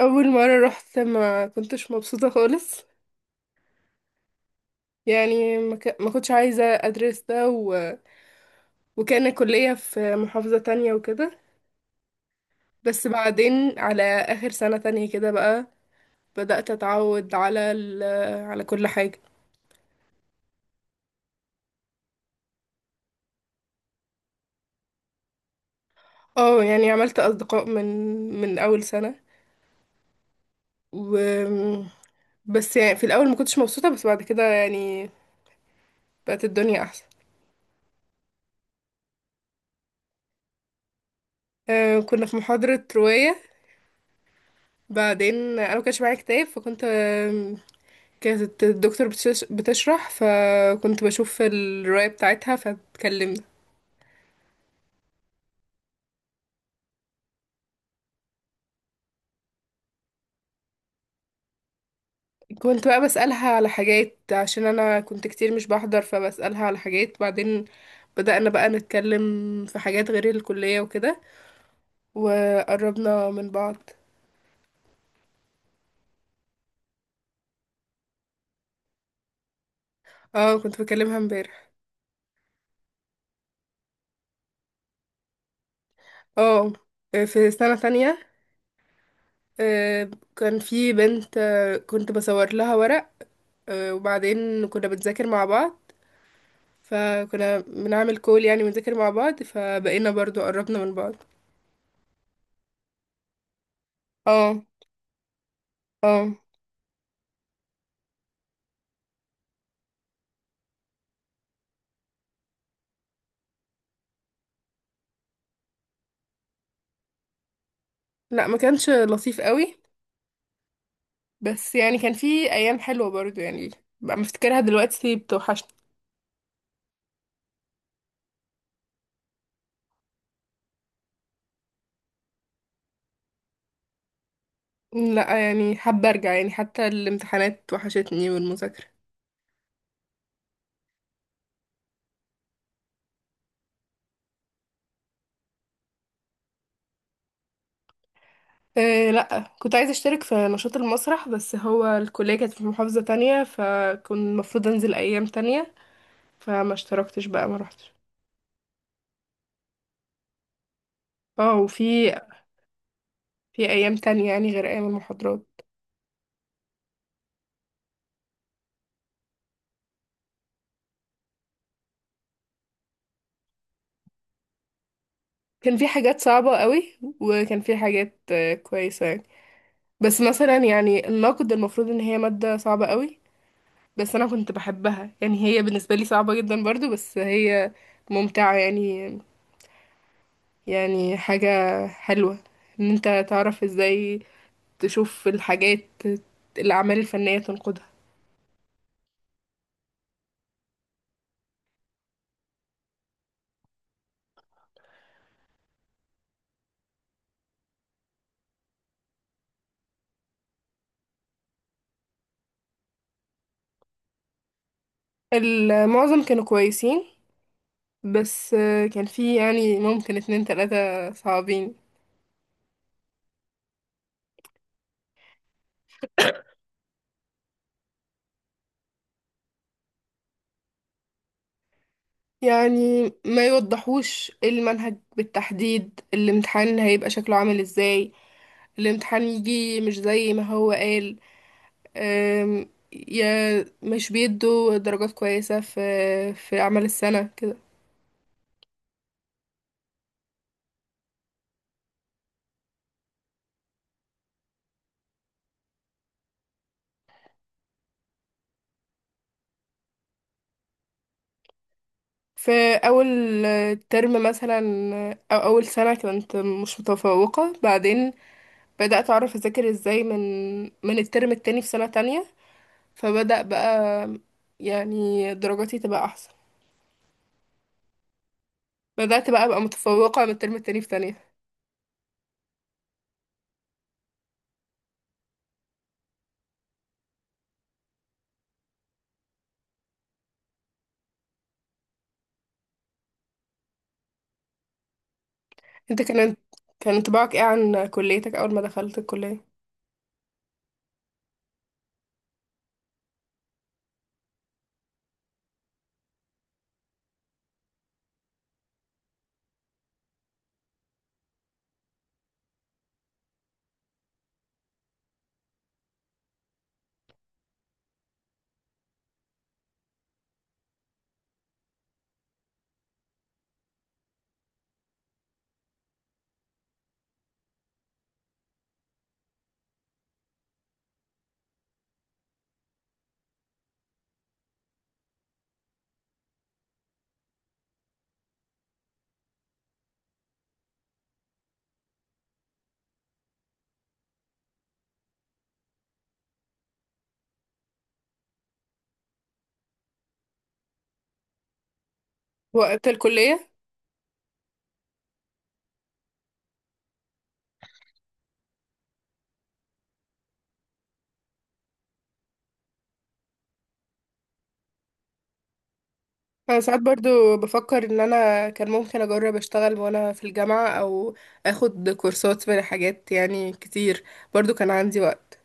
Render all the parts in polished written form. اول مره رحت ما كنتش مبسوطه خالص. يعني ما كنتش عايزه ادرس ده وكان الكليه في محافظه تانية وكده. بس بعدين على اخر سنه تانية كده بقى بدات اتعود على كل حاجه. اه، يعني عملت اصدقاء من اول سنه، و بس يعني في الاول ما كنتش مبسوطه، بس بعد كده يعني بقت الدنيا احسن. آه، كنا في محاضره روايه، بعدين انا ما كانش معايا كتاب، كانت الدكتور بتشرح فكنت بشوف الرواية بتاعتها فاتكلمنا. كنت بقى بسألها على حاجات عشان أنا كنت كتير مش بحضر، فبسألها على حاجات، بعدين بدأنا بقى نتكلم في حاجات غير الكلية وكده، وقربنا من بعض. اه، كنت بكلمها امبارح. اه، في سنة تانية، آه، كان في بنت، كنت بصور لها ورق، وبعدين كنا بنذاكر مع بعض، فكنا بنعمل كول يعني، ونذاكر مع بعض فبقينا برضو قربنا من بعض. اه، اه، لا ما كانش لطيف قوي. بس يعني كان في ايام حلوه برضو يعني، بقى مفتكرها دلوقتي بتوحشني. لا، يعني حابه ارجع، يعني حتى الامتحانات وحشتني والمذاكره. أه لا، كنت عايزه اشترك في نشاط المسرح، بس هو الكليه كانت في محافظه تانية فكنت المفروض انزل ايام تانية، فما اشتركتش بقى، ما روحتش. اه، في ايام تانية يعني غير ايام المحاضرات. كان في حاجات صعبة قوي، وكان في حاجات كويسة يعني. بس مثلا يعني النقد المفروض ان هي مادة صعبة قوي، بس انا كنت بحبها يعني، هي بالنسبة لي صعبة جدا برضو بس هي ممتعة يعني. يعني حاجة حلوة ان انت تعرف ازاي تشوف الحاجات، الاعمال الفنية تنقدها. المعظم كانوا كويسين. بس كان في يعني ممكن اتنين تلاتة صعبين. يعني ما يوضحوش المنهج بالتحديد، الامتحان هيبقى شكله عامل ازاي، الامتحان يجي مش زي ما هو قال، أم، يا مش بيدوا درجات كويسة في أعمال السنة كده. في أول ترم مثلا، أو أول سنة كنت مش متفوقة، بعدين بدأت أعرف أذاكر ازاي من الترم التاني في سنة تانية، فبدأ بقى يعني درجاتي تبقى أحسن، بدأت بقى أبقى متفوقة من الترم التاني في تانية. انت كان انطباعك ايه عن كليتك أول ما دخلت الكلية؟ وقت الكلية، أنا ساعات برضو بفكر إن أنا كان ممكن أجرب أشتغل وأنا في الجامعة، أو أخد كورسات في حاجات يعني كتير، برضو كان عندي وقت.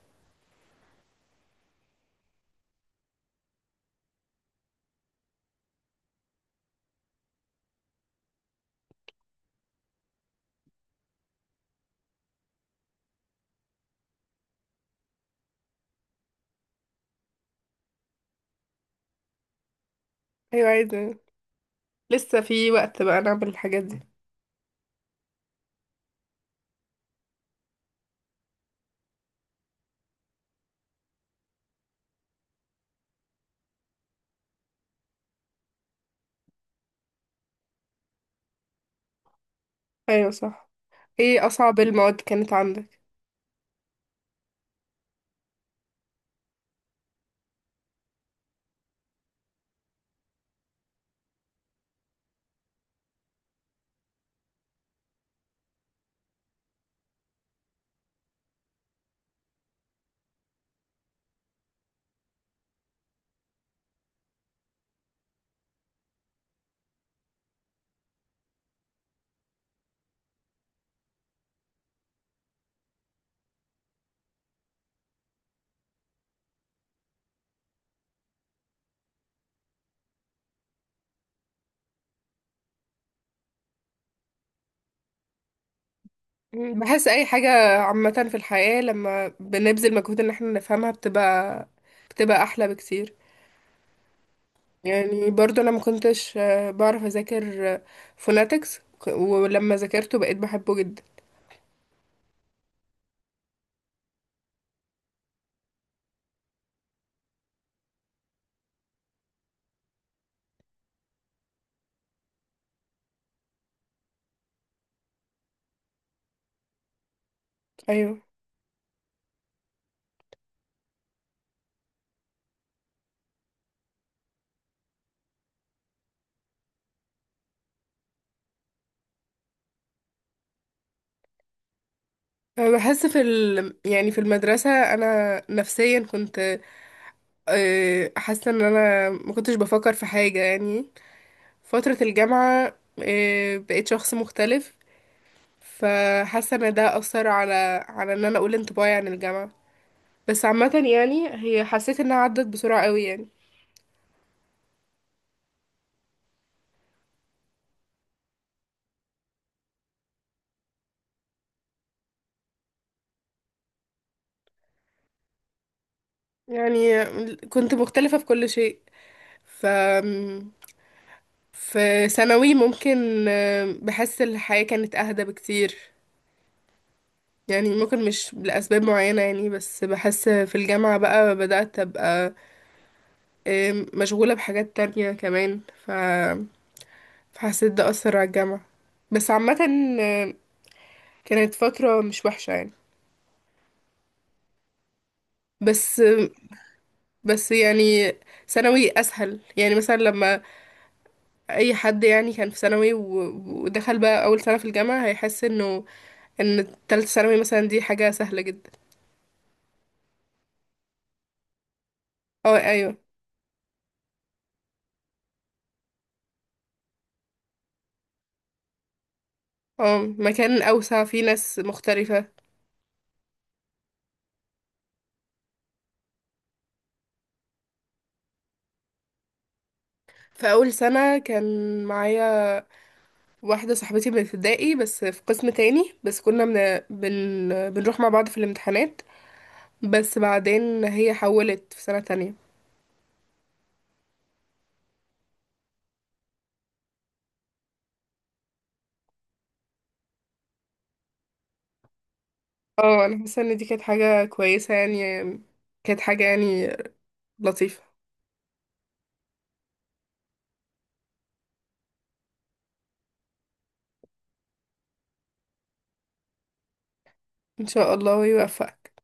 أيوة عايزة، لسه في وقت بقى نعمل الحاجات دي. أيوة صح. ايه أصعب المواد كانت عندك؟ بحس أي حاجة عامة في الحياة لما بنبذل مجهود إن احنا نفهمها بتبقى أحلى بكتير. يعني برضو انا ما كنتش بعرف اذاكر فوناتكس، ولما ذاكرته بقيت بحبه جدا. ايوه. أنا بحس يعني في المدرسة انا نفسيا كنت حاسة ان انا ما كنتش بفكر في حاجة يعني. فترة الجامعة بقيت شخص مختلف، فحاسة ان ده اثر على ان انا اقول انطباعي عن الجامعة. بس عامة يعني هي حسيت انها عدت بسرعة قوي يعني. يعني كنت مختلفة في كل شيء، ف في ثانوي ممكن بحس الحياة كانت أهدى بكتير يعني، ممكن مش لأسباب معينة يعني. بس بحس في الجامعة بقى بدأت أبقى مشغولة بحاجات تانية كمان، فحسيت ده أثر على الجامعة. بس عامة آه، كانت فترة مش وحشة يعني. بس بس يعني ثانوي أسهل، يعني مثلا لما أي حد يعني كان في ثانوي ودخل بقى أول سنة في الجامعة هيحس إنه إن تالتة ثانوي مثلا دي حاجة سهلة جدا. اه ايوه. اه، مكان أوسع فيه ناس مختلفة. في أول سنة كان معايا واحدة صاحبتي من ابتدائي، بس في قسم تاني، بس كنا بنروح مع بعض في الامتحانات، بس بعدين هي حولت في سنة تانية. اه، أنا حاسة إن دي كانت حاجة كويسة يعني، كانت حاجة يعني لطيفة. إن شاء الله يوفقك.